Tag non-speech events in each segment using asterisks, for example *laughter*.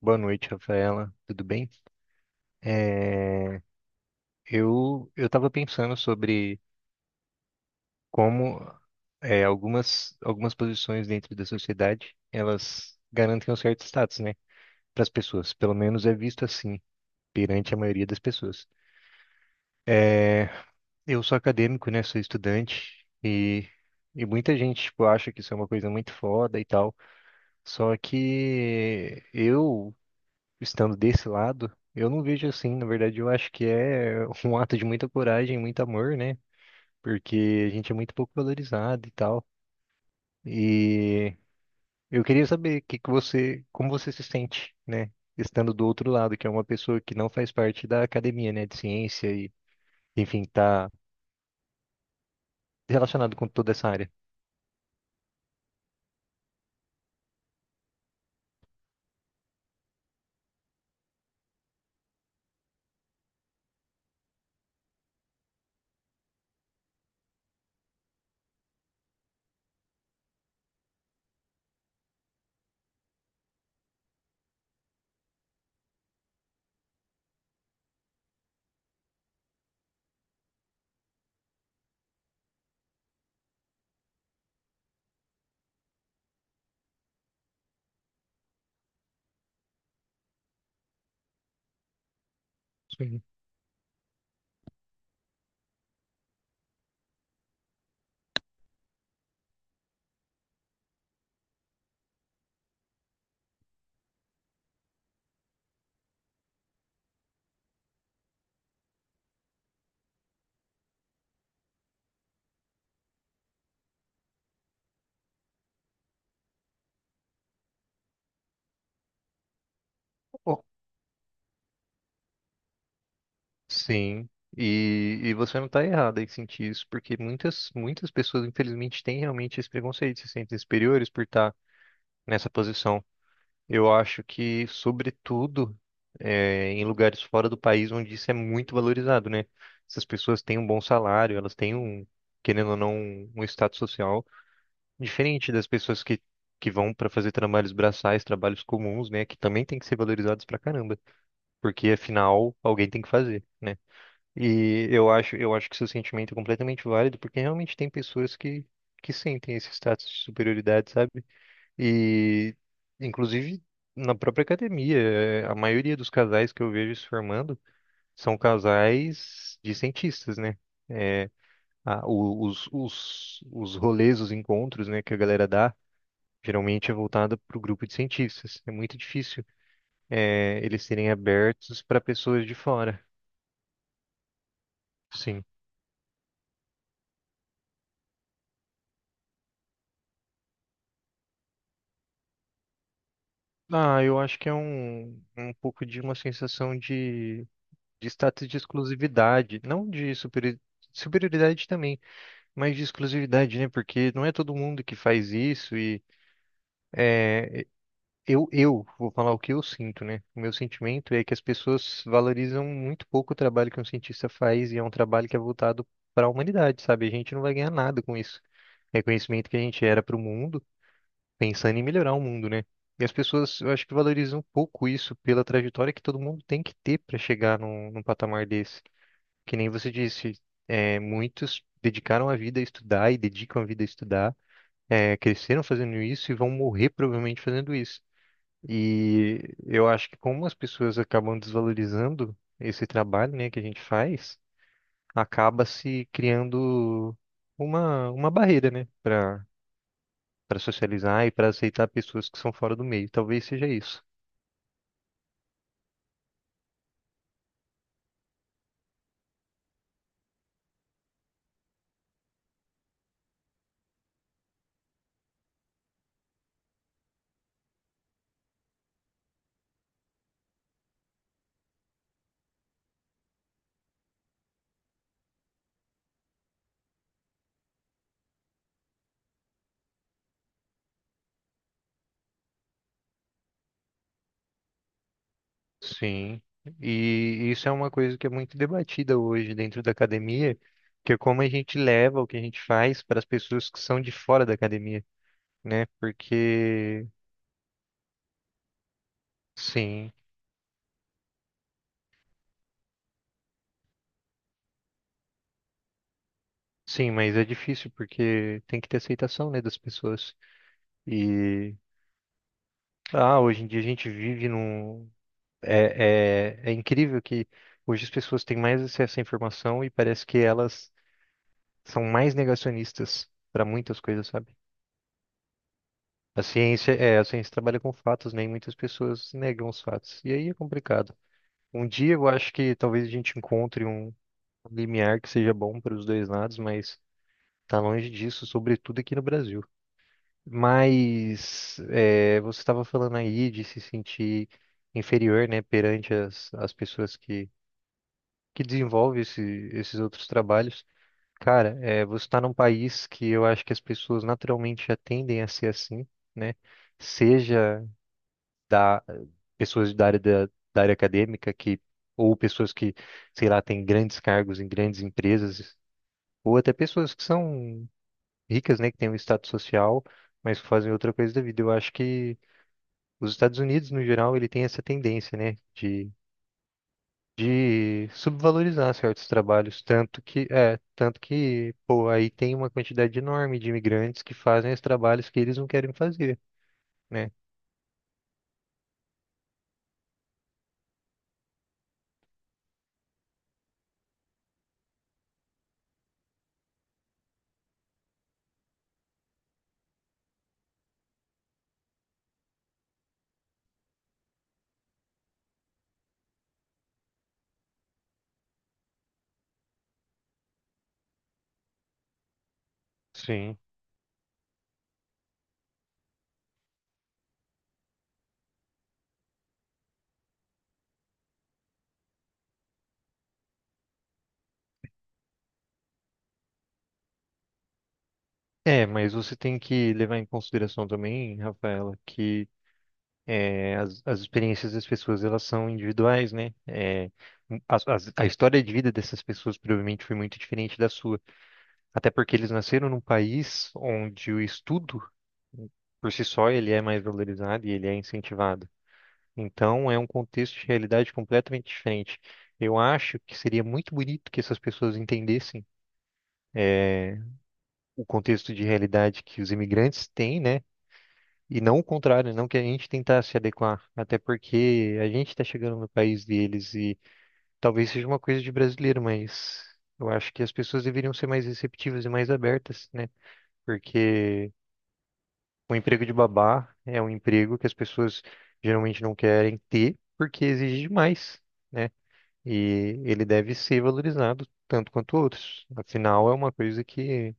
Boa noite, Rafaela. Tudo bem? É, eu estava pensando sobre como algumas posições dentro da sociedade elas garantem um certo status, né, para as pessoas. Pelo menos é visto assim perante a maioria das pessoas. É, eu sou acadêmico, né? Sou estudante e muita gente tipo acha que isso é uma coisa muito foda e tal. Só que eu, estando desse lado, eu não vejo assim. Na verdade, eu acho que é *laughs* um ato de muita coragem, muito amor, né? Porque a gente é muito pouco valorizado e tal. E eu queria saber que você, como você se sente, né? Estando do outro lado, que é uma pessoa que não faz parte da academia, né? De ciência e, enfim, tá relacionado com toda essa área. Sim. Oh, sim, e você não está errada em sentir isso, porque muitas, muitas pessoas, infelizmente, têm realmente esse preconceito, se sentem superiores por estar nessa posição. Eu acho que, sobretudo, em lugares fora do país onde isso é muito valorizado, né? Essas pessoas têm um bom salário, elas têm um, querendo ou não, um status social diferente das pessoas que, vão para fazer trabalhos braçais, trabalhos comuns, né? Que também tem que ser valorizados pra caramba, porque afinal alguém tem que fazer, né? E eu acho que seu sentimento é completamente válido, porque realmente tem pessoas que, sentem esse status de superioridade, sabe? E, inclusive, na própria academia, a maioria dos casais que eu vejo se formando são casais de cientistas, né? É, os rolês, os encontros, né, que a galera dá, geralmente é voltada para o grupo de cientistas. É muito difícil, eles serem abertos para pessoas de fora. Sim. Ah, eu acho que é um pouco de uma sensação de status de exclusividade, não de superioridade também, mais de exclusividade, né? Porque não é todo mundo que faz isso e eu vou falar o que eu sinto, né? O meu sentimento é que as pessoas valorizam muito pouco o trabalho que um cientista faz e é um trabalho que é voltado para a humanidade, sabe? A gente não vai ganhar nada com isso. É conhecimento que a gente era para o mundo, pensando em melhorar o mundo, né? E as pessoas, eu acho que valorizam um pouco isso pela trajetória que todo mundo tem que ter para chegar num patamar desse. Que nem você disse, muitos dedicaram a vida a estudar e dedicam a vida a estudar. Cresceram fazendo isso e vão morrer provavelmente fazendo isso. E eu acho que como as pessoas acabam desvalorizando esse trabalho, né, que a gente faz, acaba se criando uma barreira, né, para socializar e para aceitar pessoas que são fora do meio. Talvez seja isso. Sim. E isso é uma coisa que é muito debatida hoje dentro da academia, que é como a gente leva o que a gente faz para as pessoas que são de fora da academia, né? Sim. Sim, mas é difícil porque tem que ter aceitação, né, das pessoas. E hoje em dia a gente vive num. É incrível que hoje as pessoas têm mais acesso à informação e parece que elas são mais negacionistas para muitas coisas, sabe? A ciência trabalha com fatos, né, e muitas pessoas negam os fatos. E aí é complicado. Um dia eu acho que talvez a gente encontre um limiar que seja bom para os dois lados, mas tá longe disso, sobretudo aqui no Brasil. Mas você estava falando aí de se sentir inferior, né, perante as pessoas que, desenvolvem esses outros trabalhos. Cara, você está num país que eu acho que as pessoas naturalmente já tendem a ser assim, né? Seja da pessoas da área da área acadêmica, que ou pessoas que, sei lá, têm grandes cargos em grandes empresas, ou até pessoas que são ricas, né, que têm um status social, mas que fazem outra coisa da vida. Eu acho que os Estados Unidos, no geral, ele tem essa tendência, né, de subvalorizar certos trabalhos, tanto que, pô, aí tem uma quantidade enorme de imigrantes que fazem os trabalhos que eles não querem fazer, né? Sim. É, mas você tem que levar em consideração também, Rafaela, que as experiências das pessoas, elas são individuais, né? A história de vida dessas pessoas provavelmente foi muito diferente da sua. Até porque eles nasceram num país onde o estudo, por si só, ele é mais valorizado e ele é incentivado. Então, é um contexto de realidade completamente diferente. Eu acho que seria muito bonito que essas pessoas entendessem é, o contexto de realidade que os imigrantes têm, né? E não o contrário, não que a gente tentar se adequar, até porque a gente está chegando no país deles e talvez seja uma coisa de brasileiro, mas eu acho que as pessoas deveriam ser mais receptivas e mais abertas, né? Porque o emprego de babá é um emprego que as pessoas geralmente não querem ter porque exige demais, né? E ele deve ser valorizado tanto quanto outros. Afinal, é uma coisa que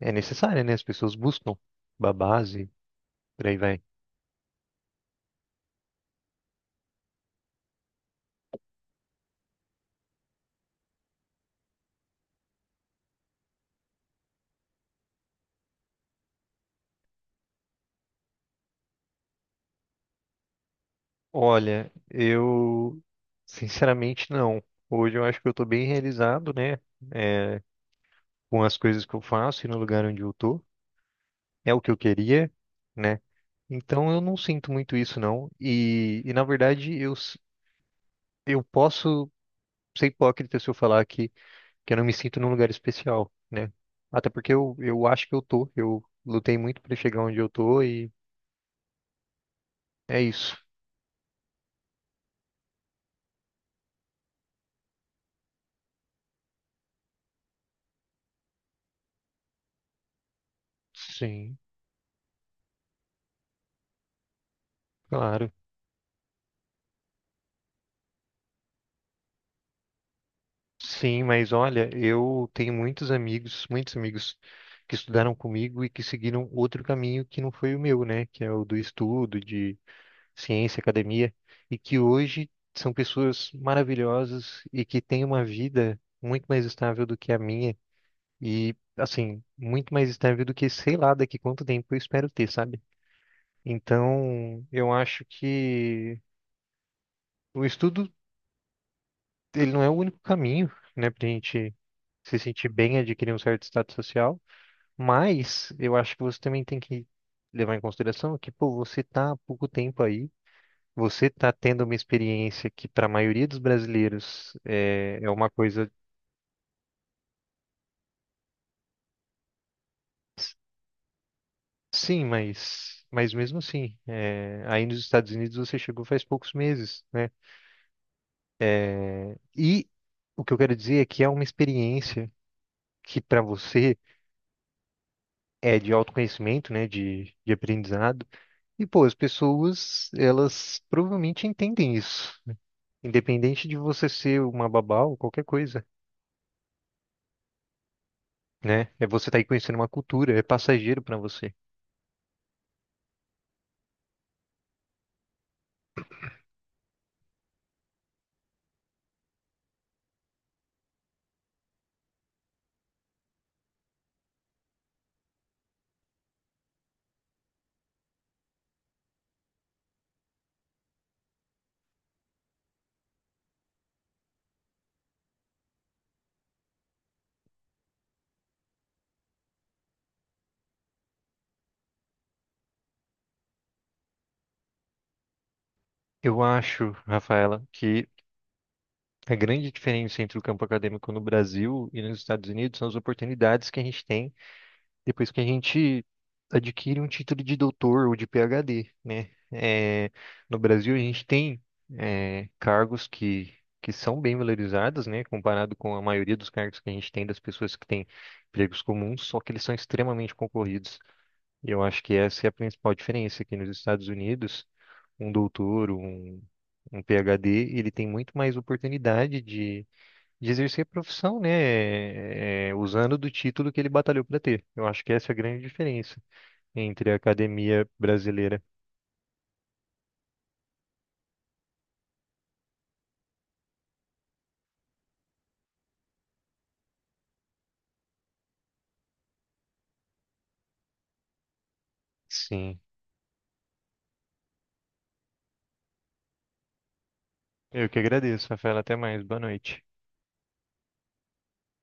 é necessária, né? As pessoas buscam babás e por aí vai. Olha, eu sinceramente não. Hoje eu acho que eu estou bem realizado, né? É, com as coisas que eu faço e no lugar onde eu tô. É o que eu queria, né? Então eu não sinto muito isso, não. E, na verdade, eu posso ser hipócrita se eu falar que, eu não me sinto num lugar especial, né? Até porque eu acho que eu tô. Eu lutei muito pra chegar onde eu tô e é isso. Sim, claro. Sim, mas olha, eu tenho muitos amigos que estudaram comigo e que seguiram outro caminho que não foi o meu, né? Que é o do estudo, de ciência, academia, e que hoje são pessoas maravilhosas e que têm uma vida muito mais estável do que a minha. E, assim, muito mais estável do que sei lá daqui quanto tempo eu espero ter, sabe? Então, eu acho que o estudo, ele não é o único caminho, né, pra gente se sentir bem, adquirir um certo status social, mas eu acho que você também tem que levar em consideração que, pô, você tá há pouco tempo aí, você tá tendo uma experiência que, para a maioria dos brasileiros, é uma coisa, sim, mas mesmo assim, aí nos Estados Unidos você chegou faz poucos meses, né? E o que eu quero dizer é que é uma experiência que para você é de autoconhecimento, né, de aprendizado. E pô, as pessoas, elas provavelmente entendem isso, né? Independente de você ser uma babá ou qualquer coisa, né? É você estar aí conhecendo uma cultura, é passageiro para você. Eu acho, Rafaela, que a grande diferença entre o campo acadêmico no Brasil e nos Estados Unidos são as oportunidades que a gente tem depois que a gente adquire um título de doutor ou de PhD, né? No Brasil a gente tem cargos que, são bem valorizados, né? Comparado com a maioria dos cargos que a gente tem das pessoas que têm empregos comuns, só que eles são extremamente concorridos. E eu acho que essa é a principal diferença aqui nos Estados Unidos, um doutor, um, PhD, ele tem muito mais oportunidade de exercer a profissão, né? Usando do título que ele batalhou para ter. Eu acho que essa é a grande diferença entre a academia brasileira. Sim. Eu que agradeço, Rafael. Até mais. Boa noite.